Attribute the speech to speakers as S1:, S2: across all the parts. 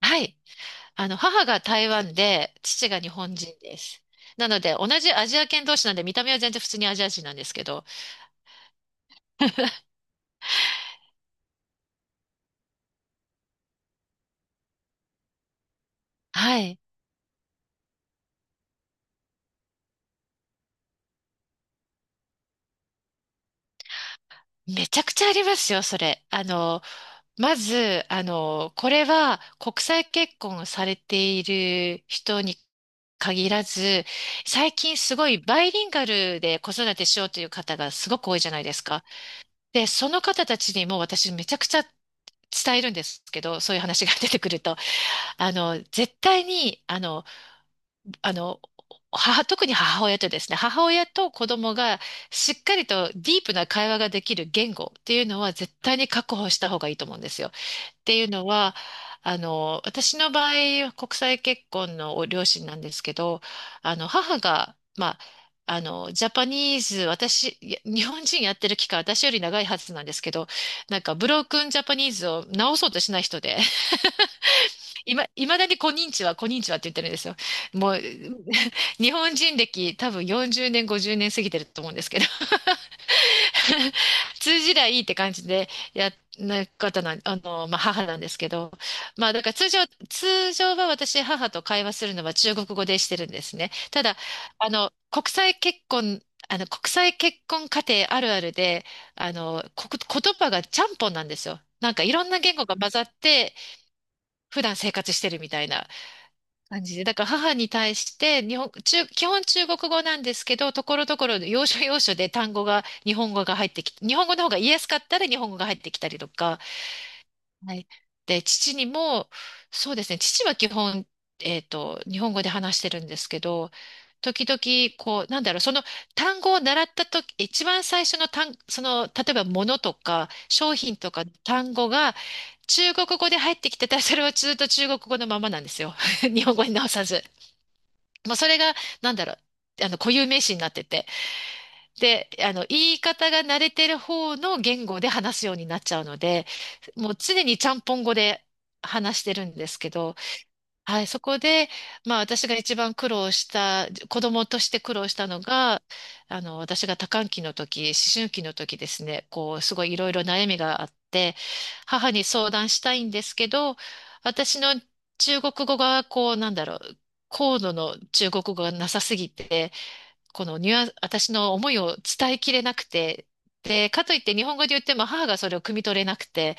S1: はい。母が台湾で、父が日本人です。なので、同じアジア圏同士なんで、見た目は全然普通にアジア人なんですけど、はい。めちゃくちゃありますよ、それ。まず、これは国際結婚をされている人に限らず、最近すごいバイリンガルで子育てしようという方がすごく多いじゃないですか。で、その方たちにも私めちゃくちゃ伝えるんですけど、そういう話が出てくると。あの、絶対に、あの、母、特に母親とですね、母親と子供がしっかりとディープな会話ができる言語っていうのは絶対に確保した方がいいと思うんですよ。っていうのは、私の場合、国際結婚の両親なんですけど、あの、母が、まあ、ジャパニーズ、私、いや日本人やってる期間、私より長いはずなんですけど、なんか、ブロークンジャパニーズを直そうとしない人で、いまだにこんにちは、こんにちはって言ってるんですよ。もう、日本人歴多分40年、50年過ぎてると思うんですけど、通じりゃいいって感じでやな方なん、まあ、母なんですけど、まあ、だから通常は私、母と会話するのは中国語でしてるんですね。ただ、あの、国際結婚、あの、国際結婚家庭あるあるで、あの、言葉がちゃんぽんなんですよ。なんかいろんな言語が混ざって、普段生活してるみたいな感じで。だから母に対して日本、中、基本中国語なんですけど、ところどころで要所要所で単語が、日本語が入ってきて、日本語の方が言いやすかったら日本語が入ってきたりとか、はい。で、父にも、そうですね、父は基本、日本語で話してるんですけど、時々、こう、なんだろう、その単語を習ったとき、一番最初のその、例えば物とか商品とか単語が中国語で入ってきてたら、それはずっと中国語のままなんですよ。日本語に直さず。まあ、それが、なんだろう、固有名詞になってて。で、あの、言い方が慣れてる方の言語で話すようになっちゃうので、もう常にちゃんぽん語で話してるんですけど、はい、そこで、まあ私が一番苦労した、子供として苦労したのが、私が多感期の時、思春期の時ですね、こう、すごいいろいろ悩みがあって、母に相談したいんですけど、私の中国語が、こう、なんだろう、高度の中国語がなさすぎて、このニュアンス、私の思いを伝えきれなくて、で、かといって日本語で言っても母がそれを汲み取れなくて、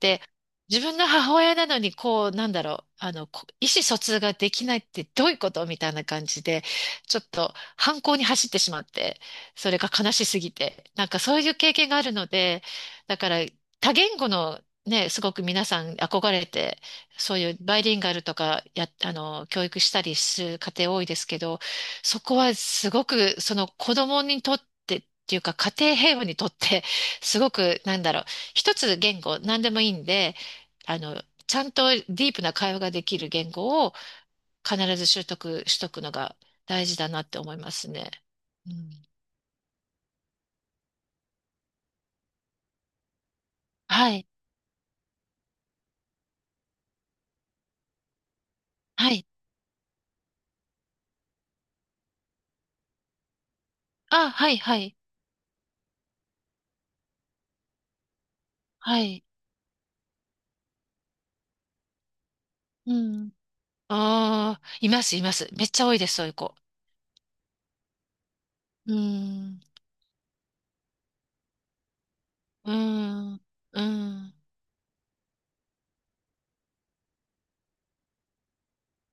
S1: で、自分の母親なのに、こう、なんだろう、あの、意思疎通ができないってどういうことみたいな感じで、ちょっと反抗に走ってしまって、それが悲しすぎて、なんかそういう経験があるので、だから多言語の、ね、すごく皆さん憧れて、そういうバイリンガルとかや、教育したりする家庭多いですけど、そこはすごく、その子供にとってっていうか、家庭平和にとって、すごく、なんだろう、一つ言語、何でもいいんで、ちゃんとディープな会話ができる言語を必ず習得しとくのが大事だなって思いますね。うん、はい、はい。あ、はい、はい、はい。うん。ああ、います、います。めっちゃ多いです、そういう子。うん、うん、うん。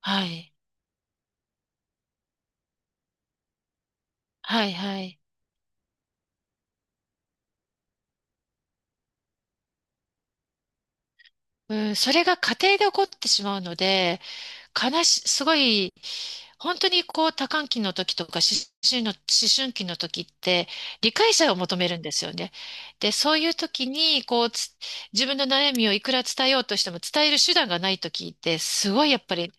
S1: はい、はい、はい。うん、それが家庭で起こってしまうので、悲し、すごい、本当にこう多感期の時とか思春期の時って理解者を求めるんですよね。で、そういう時にこう、自分の悩みをいくら伝えようとしても伝える手段がない時ってすごいやっぱり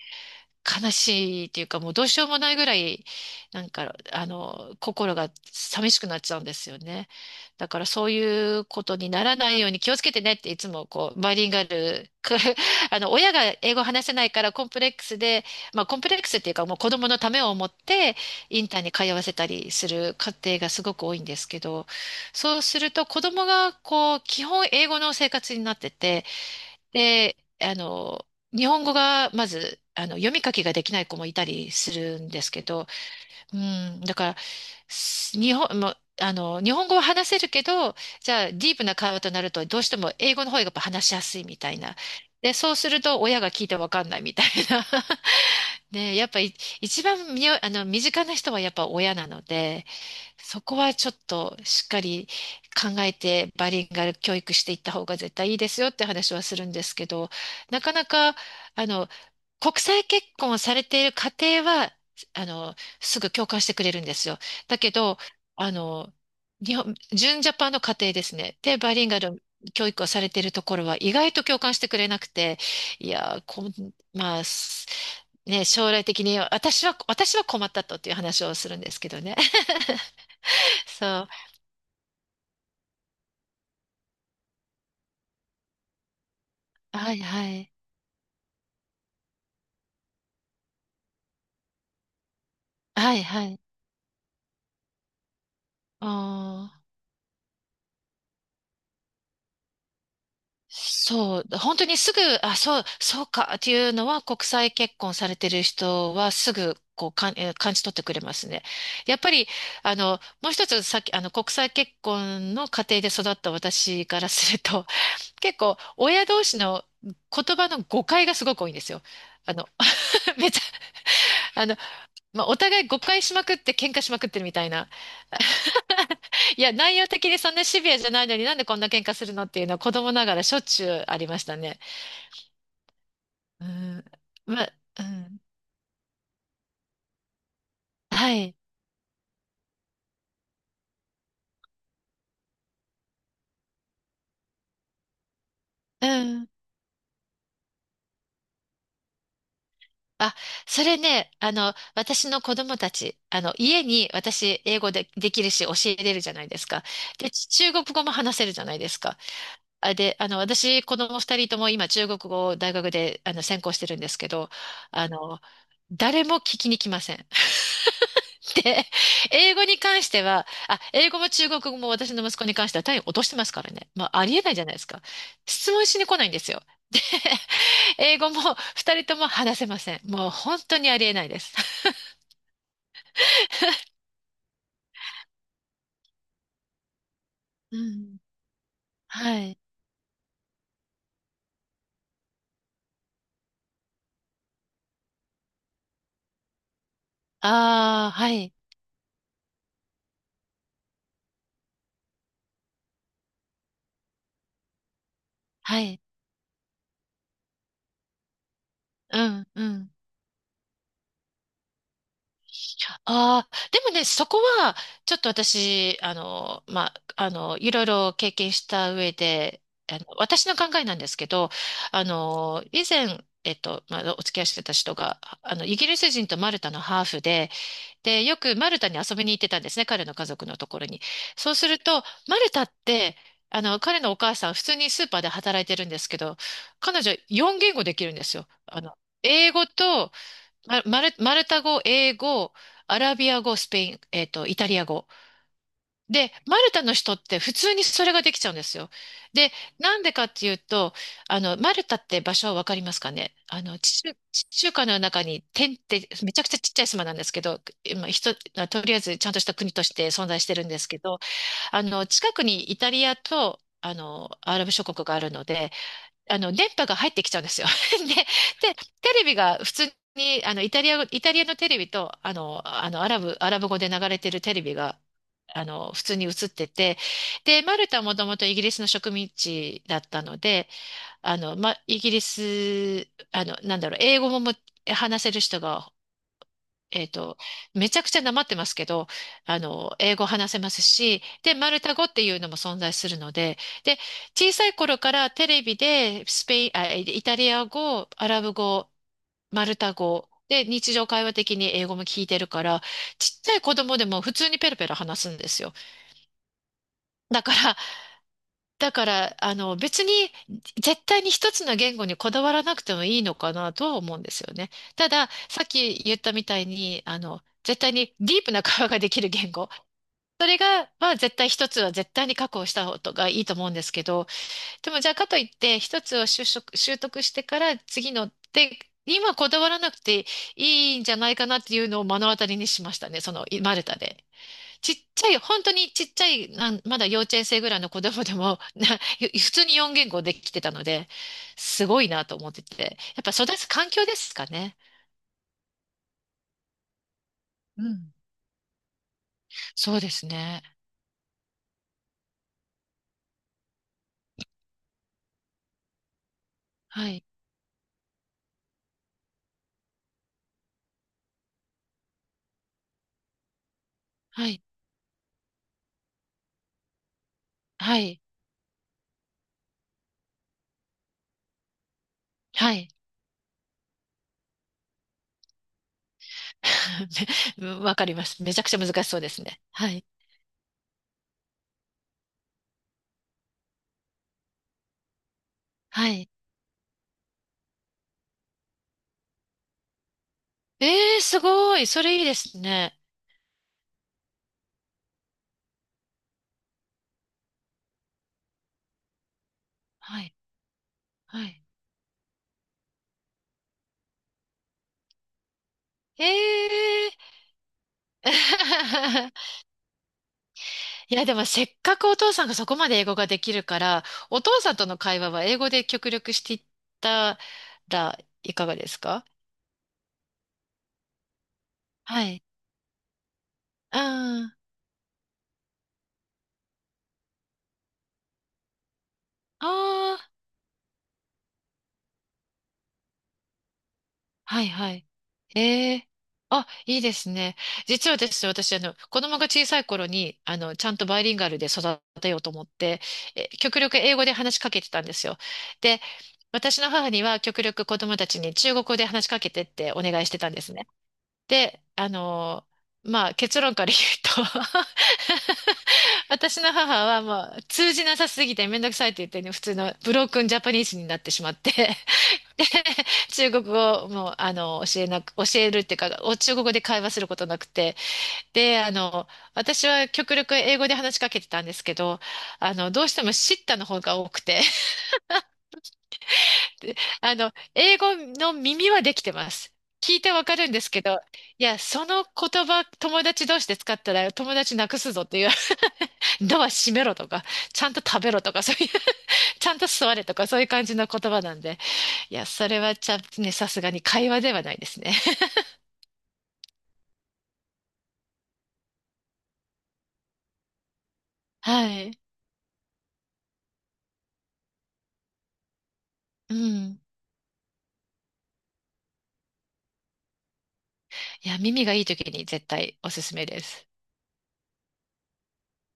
S1: 悲しいっていうか、もうどうしようもないぐらい、なんか、心が寂しくなっちゃうんですよね。だからそういうことにならないように気をつけてねっていつもこう、バイリンガル、く 親が英語話せないからコンプレックスで、まあコンプレックスっていうかもう子供のためを思ってインターに通わせたりする家庭がすごく多いんですけど、そうすると子供がこう、基本英語の生活になってて、で、日本語がまず、読み書きができない子もいたりするんですけど、うん、だから、す日本、もうあの、日本語は話せるけど、じゃあ、ディープな会話となると、どうしても英語の方がやっぱ話しやすいみたいな。で、そうすると、親が聞いてわかんないみたいな。で、やっぱり、一番みよ、あの、身近な人はやっぱ親なので、そこはちょっとしっかり考えてバリンガル教育していった方が絶対いいですよって話はするんですけど、なかなか、あの、国際結婚をされている家庭は、すぐ共感してくれるんですよ。だけど、あの、日本、純ジャパンの家庭ですね。で、バリリンガル教育をされているところは意外と共感してくれなくて、いやー、まあ、将来的に私は困ったとっていう話をするんですけどね。そう。はいはい。はいはい。ああ、そう。本当にすぐ、あ、そう、そうかっていうのは国際結婚されてる人はすぐこうかん、えー感じ取ってくれますね。やっぱり、あの、もう一つさっき、国際結婚の家庭で育った私からすると、結構親同士の言葉の誤解がすごく多いんですよ。あの、めっちゃ、あの、まあ、お互い誤解しまくって喧嘩しまくってるみたいな。いや、内容的にそんなシビアじゃないのになんでこんな喧嘩するのっていうのは子供ながらしょっちゅうありましたね。うん。ま、うん。はい。うん。あ、それね、私の子供たち、家に私英語で、できるし教えれるじゃないですか。で、ち中国語も話せるじゃないですか。あ、で、あの、私、子供二人とも今中国語を大学で、専攻してるんですけど、あの、誰も聞きに来ません。で、英語に関しては、あ、英語も中国語も私の息子に関しては単位落としてますからね。まあ、ありえないじゃないですか。質問しに来ないんですよ。で、英語も二人とも話せません。もう本当にありえないです。うん。はい。ああ、はい。はい。うん、うん。ああ、でもね、そこは、ちょっと私、いろいろ経験した上で、私の考えなんですけど、あの、以前、お付き合いしてた人が、イギリス人とマルタのハーフで、で、よくマルタに遊びに行ってたんですね、彼の家族のところに。そうすると、マルタって、彼のお母さん、普通にスーパーで働いてるんですけど、彼女、4言語できるんですよ。英語と、マルタ語、英語、アラビア語、スペイン、えっと、イタリア語。で、マルタの人って普通にそれができちゃうんですよ。で、なんでかっていうと、マルタって場所はわかりますかね。地中海の中に点ってめちゃくちゃちっちゃい島なんですけど、今、とりあえずちゃんとした国として存在してるんですけど、近くにイタリアと、アラブ諸国があるので、電波が入ってきちゃうんですよ。で、で、テレビが普通に、イタリアのテレビと、アラブ語で流れてるテレビが、普通に映ってて、で、マルタはもともとイギリスの植民地だったので、あの、ま、イギリス、あの、なんだろう、英語も話せる人がえっと、めちゃくちゃなまってますけど、英語話せますし、で、マルタ語っていうのも存在するので、で、小さい頃からテレビでスペイン、あ、イタリア語、アラブ語、マルタ語、で、日常会話的に英語も聞いてるから、ちっちゃい子供でも普通にペラペラ話すんですよ。だから、だから、別に、絶対に一つの言語にこだわらなくてもいいのかなとは思うんですよね。ただ、さっき言ったみたいに、絶対にディープな会話ができる言語。それが、まあ絶対一つは絶対に確保した方がいいと思うんですけど、でもじゃあかといって、一つを習得、習得してから次のって、今こだわらなくていいんじゃないかなっていうのを目の当たりにしましたね。その、マルタで。ちっちゃい、本当にちっちゃい、まだ幼稚園生ぐらいの子供でも、普通に4言語できてたので、すごいなと思ってて。やっぱ育つ環境ですかね。うん。そうですね。はい、はい、はい、はい。わかります。めちゃくちゃ難しそうですね。はい、はい。ええー、すごい。それいいですね。はい、はい。ええー。いや、でもせっかくお父さんがそこまで英語ができるから、お父さんとの会話は英語で極力していったらいかがですか。はい。ああ、ああ、はいはい。ええ、あ、いいですね。実はですね、私、子供が小さい頃に、ちゃんとバイリンガルで育てようと思って、え、極力英語で話しかけてたんですよ。で、私の母には極力子供たちに中国語で話しかけてってお願いしてたんですね。で、まあ結論から言うと、 私の母はもう通じなさすぎてめんどくさいって言ってね、普通のブロークンジャパニーズになってしまって、 で中国語をもう教えるっていうか、中国語で会話することなくて、で、私は極力英語で話しかけてたんですけど、どうしてもシッタの方が多くて、で、英語の耳はできてます。聞いてわかるんですけど、いや、その言葉、友達同士で使ったら友達なくすぞっていう、ドア閉めろとか、ちゃんと食べろとか、そういう、ちゃんと座れとか、そういう感じの言葉なんで、いや、それはちゃんとね、さすがに会話ではないですね。はい。うん。いや、耳がいい時に絶対おすすめです。